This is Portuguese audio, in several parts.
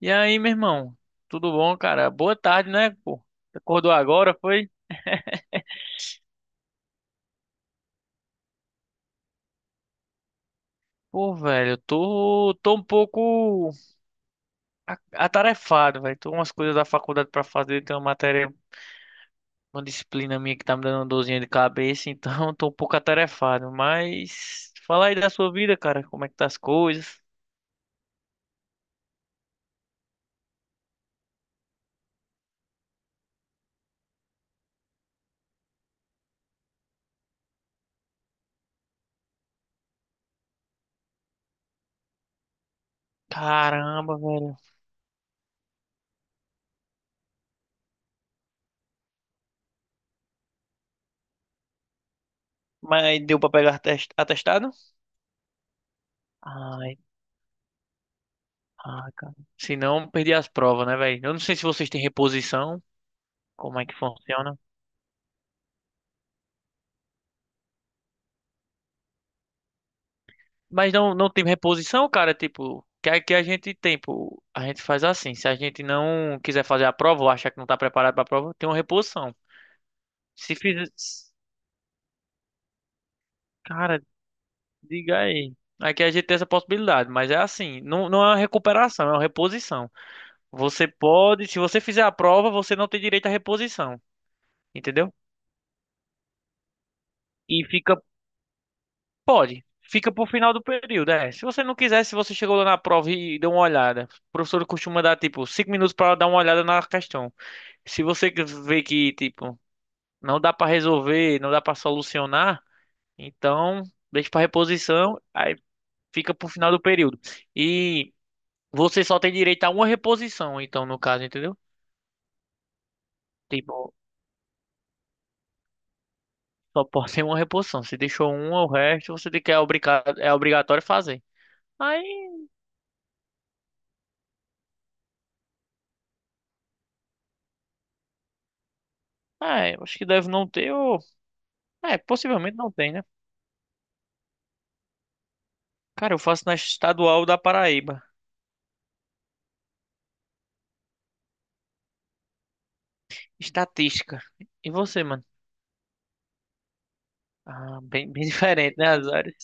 E aí, meu irmão? Tudo bom, cara? Boa tarde, né, pô? Acordou agora, foi? Pô, velho, eu tô um pouco atarefado, velho. Tô com umas coisas da faculdade pra fazer, tem uma matéria, uma disciplina minha que tá me dando uma dorzinha de cabeça, então tô um pouco atarefado. Mas fala aí da sua vida, cara, como é que tá as coisas? Caramba, velho. Mas deu pra pegar atestado? Ai, ai, cara. Se não, perdi as provas, né, velho? Eu não sei se vocês têm reposição, como é que funciona. Mas não, não tem reposição, cara. Tipo, que aqui a gente tem, pô, a gente faz assim. Se a gente não quiser fazer a prova ou achar que não tá preparado pra prova, tem uma reposição. Se fizer. Cara, diga aí. Aqui a gente tem essa possibilidade, mas é assim, não é uma recuperação, é uma reposição. Você pode, se você fizer a prova, você não tem direito à reposição, entendeu? E fica, pode, fica pro final do período, é. Se você não quiser, se você chegou lá na prova e deu uma olhada, o professor costuma dar tipo 5 minutos para dar uma olhada na questão. Se você vê que, tipo, não dá pra resolver, não dá pra solucionar, então deixa pra reposição, aí fica pro final do período. E você só tem direito a uma reposição, então, no caso, entendeu? Tipo, só pode ter uma reposição. Se deixou uma, o resto você tem que é obrigado, é obrigatório fazer. Aí, é, acho que deve não ter, ou... É, possivelmente não tem, né? Cara, eu faço na estadual da Paraíba. Estatística. E você, mano? Ah, bem, bem diferente, né, as áreas?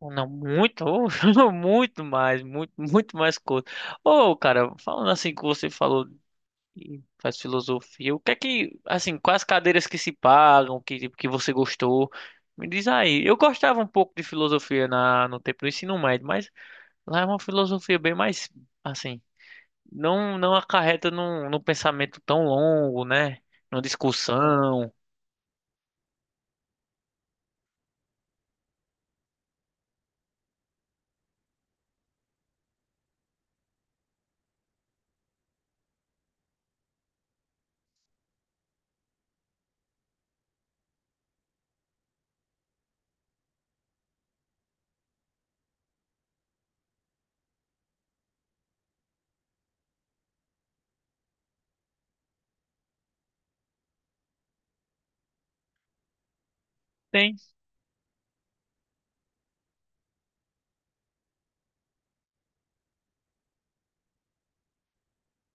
Não, muito, ô, muito mais, muito, muito mais coisa. Ô, cara, falando assim que você falou e faz filosofia, o que é que, assim, quais cadeiras que se pagam, que, tipo, que você gostou? Me diz aí. Eu gostava um pouco de filosofia no tempo do ensino médio, mas lá é uma filosofia bem mais, assim, não acarreta num pensamento tão longo, né? Numa discussão. Tem,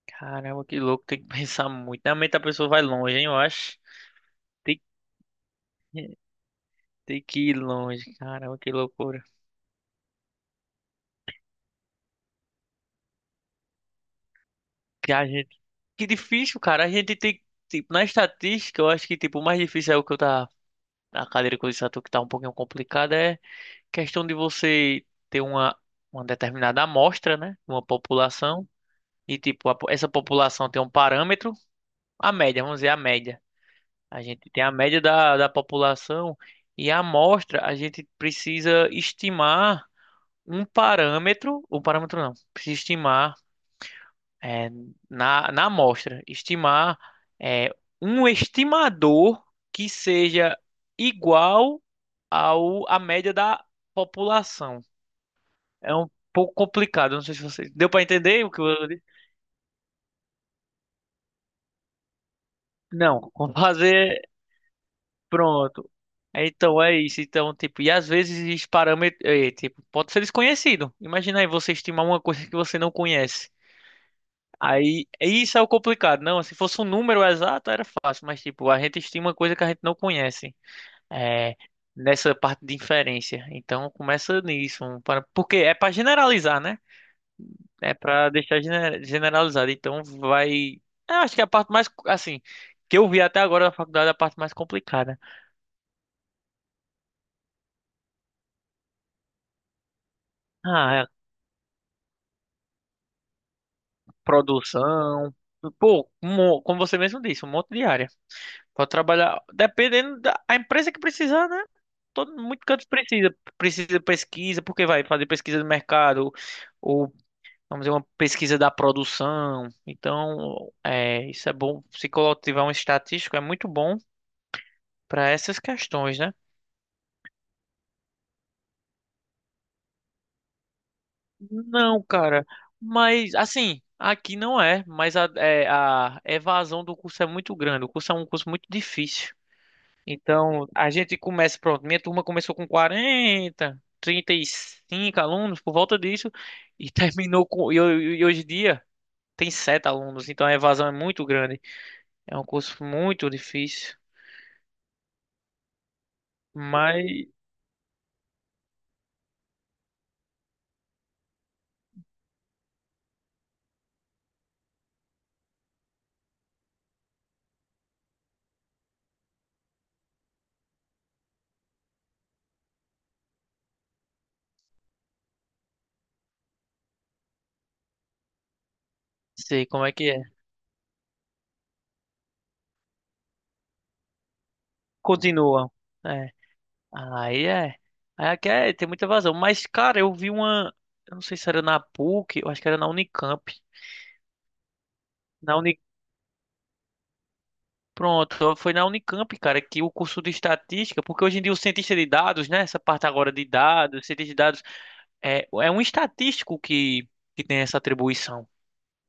caramba, que louco, tem que pensar muito. Realmente a pessoa vai longe, hein, eu acho. Tem. Tem que ir longe, caramba, que loucura. Que a gente, que difícil, cara. A gente tem, tipo, na estatística, eu acho que tipo o mais difícil é o que eu tá a cadeira que eu disse a tu que tá um pouquinho complicada é questão de você ter uma determinada amostra, né? Uma população e tipo essa população tem um parâmetro, a média, vamos dizer a média. A gente tem a média da população e a amostra, a gente precisa estimar um parâmetro, o parâmetro não, precisa estimar é, na amostra, estimar é, um estimador que seja igual ao à média da população. É um pouco complicado, não sei se vocês deu para entender o que eu disse. Não, vamos fazer pronto. É, então é isso. Então, tipo, e às vezes esses parâmetros, é, tipo, pode ser desconhecido. Imagina aí você estimar uma coisa que você não conhece. Aí, é, isso é o complicado. Não, se fosse um número exato, era fácil, mas tipo, a gente estima uma coisa que a gente não conhece. É, nessa parte de inferência. Então começa nisso, um, para, porque é para generalizar, né? É para deixar generalizado. Então vai. Eu acho que é a parte mais assim que eu vi até agora na faculdade é a parte mais complicada. Ah, é produção. Pô, como você mesmo disse, um monte de área. Pode trabalhar, dependendo da a empresa que precisar, né? Todo, muito canto precisa. Precisa de pesquisa, porque vai fazer pesquisa de mercado, vamos dizer, uma pesquisa da produção. Então, é, isso é bom. Se tiver um estatístico, é muito bom para essas questões, né? Não, cara, mas assim, aqui não é, mas a, é, a evasão do curso é muito grande. O curso é um curso muito difícil. Então, a gente começa, pronto, minha turma começou com 40, 35 alunos, por volta disso, e terminou com. E hoje em dia tem 7 alunos, então a evasão é muito grande. É um curso muito difícil. Mas sei como é que é. Continua. É. Aí é. Aí aqui é, tem muita vazão. Mas, cara, eu vi uma. Eu não sei se era na PUC, eu acho que era na Unicamp. Na Uni... Pronto, foi na Unicamp, cara, que o curso de estatística, porque hoje em dia o cientista de dados, né? Essa parte agora de dados, cientista de dados, é um estatístico que tem essa atribuição.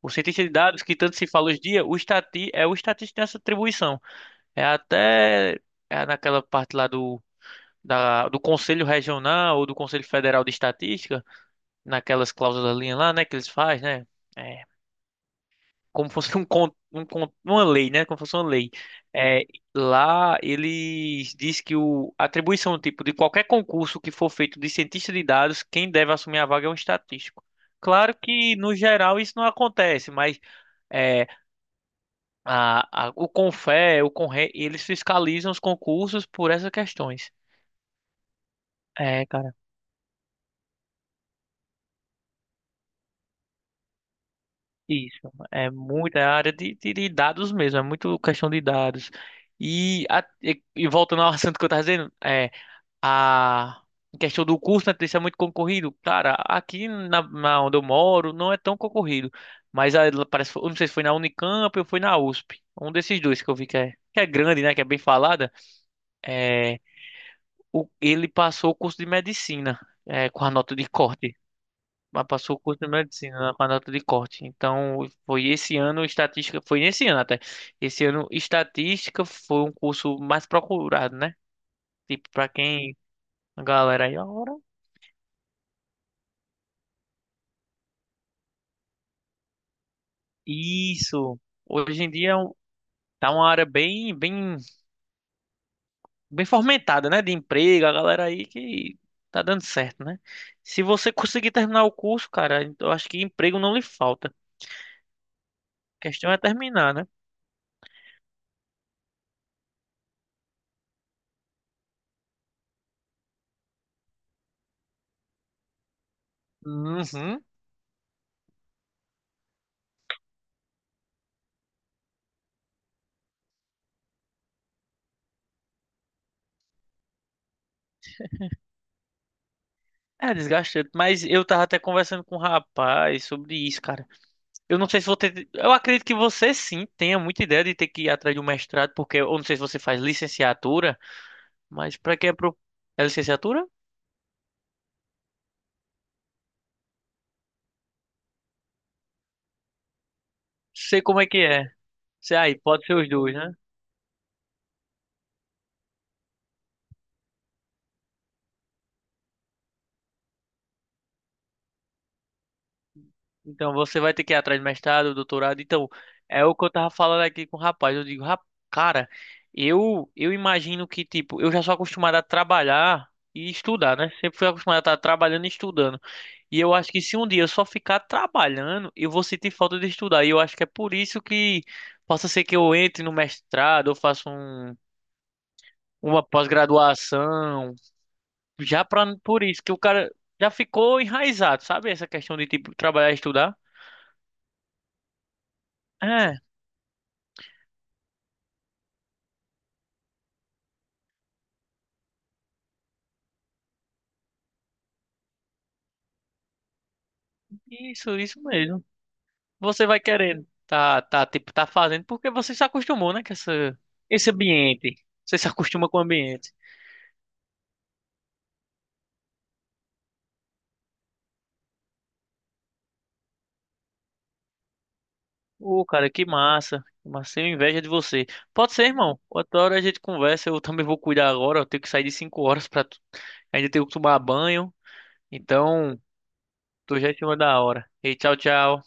O cientista de dados, que tanto se fala hoje em dia, é o estatístico que tem essa atribuição. É até naquela parte lá do Conselho Regional ou do Conselho Federal de Estatística, naquelas cláusulas linha lá, né, que eles fazem, né? É, como fosse uma lei, né? Como fosse uma lei. É, lá eles diz que o a atribuição tipo de qualquer concurso que for feito de cientista de dados, quem deve assumir a vaga é um estatístico. Claro que no geral isso não acontece, mas é, o Conre, eles fiscalizam os concursos por essas questões. É, isso, é muito, é a área de dados mesmo, é muito questão de dados. E, e voltando ao assunto que eu estava dizendo, é, a questão do curso, né, isso é muito concorrido. Cara, aqui na onde eu moro não é tão concorrido, mas a, parece, eu não sei se foi na Unicamp ou foi na USP, um desses dois que eu vi que é grande, né, que é bem falada, é, o, ele passou o curso de medicina, é, com a nota de corte mas passou o curso de medicina lá com a nota de corte. Então, foi esse ano estatística, foi nesse ano até. Esse ano estatística foi um curso mais procurado, né? Tipo, pra quem a galera aí, ora, isso. Hoje em dia é tá uma área bem, bem, bem fomentada, né? De emprego, a galera aí que tá dando certo, né? Se você conseguir terminar o curso, cara, eu acho que emprego não lhe falta. A questão é terminar, né? Uhum. É desgastante, mas eu tava até conversando com um rapaz sobre isso, cara. Eu não sei se vou ter. Eu acredito que você sim tenha muita ideia de ter que ir atrás de um mestrado, porque eu não sei se você faz licenciatura, mas pra quem é pro. É licenciatura? Sei como é que é. Sei aí, pode ser os dois, né? Então você vai ter que ir atrás de mestrado, doutorado. Então, é o que eu tava falando aqui com o rapaz. Eu digo, "Cara, eu imagino que, tipo, eu já sou acostumado a trabalhar e estudar, né? Sempre fui acostumado a estar trabalhando e estudando. E eu acho que se um dia eu só ficar trabalhando, eu vou sentir falta de estudar. E eu acho que é por isso que possa ser que eu entre no mestrado, eu faça uma pós-graduação, já pra, por isso que o cara já ficou enraizado, sabe? Essa questão de tipo trabalhar e estudar. É, isso mesmo. Você vai querendo, tá, tá, tipo, tá fazendo porque você se acostumou, né, com esse ambiente. Você se acostuma com o ambiente. Ô, cara, que massa. Mas massa, tenho inveja de você. Pode ser, irmão. Outra hora a gente conversa. Eu também vou cuidar agora. Eu tenho que sair de 5 horas pra. Ainda tenho que tomar banho. Então, tô já em cima da hora. E tchau, tchau.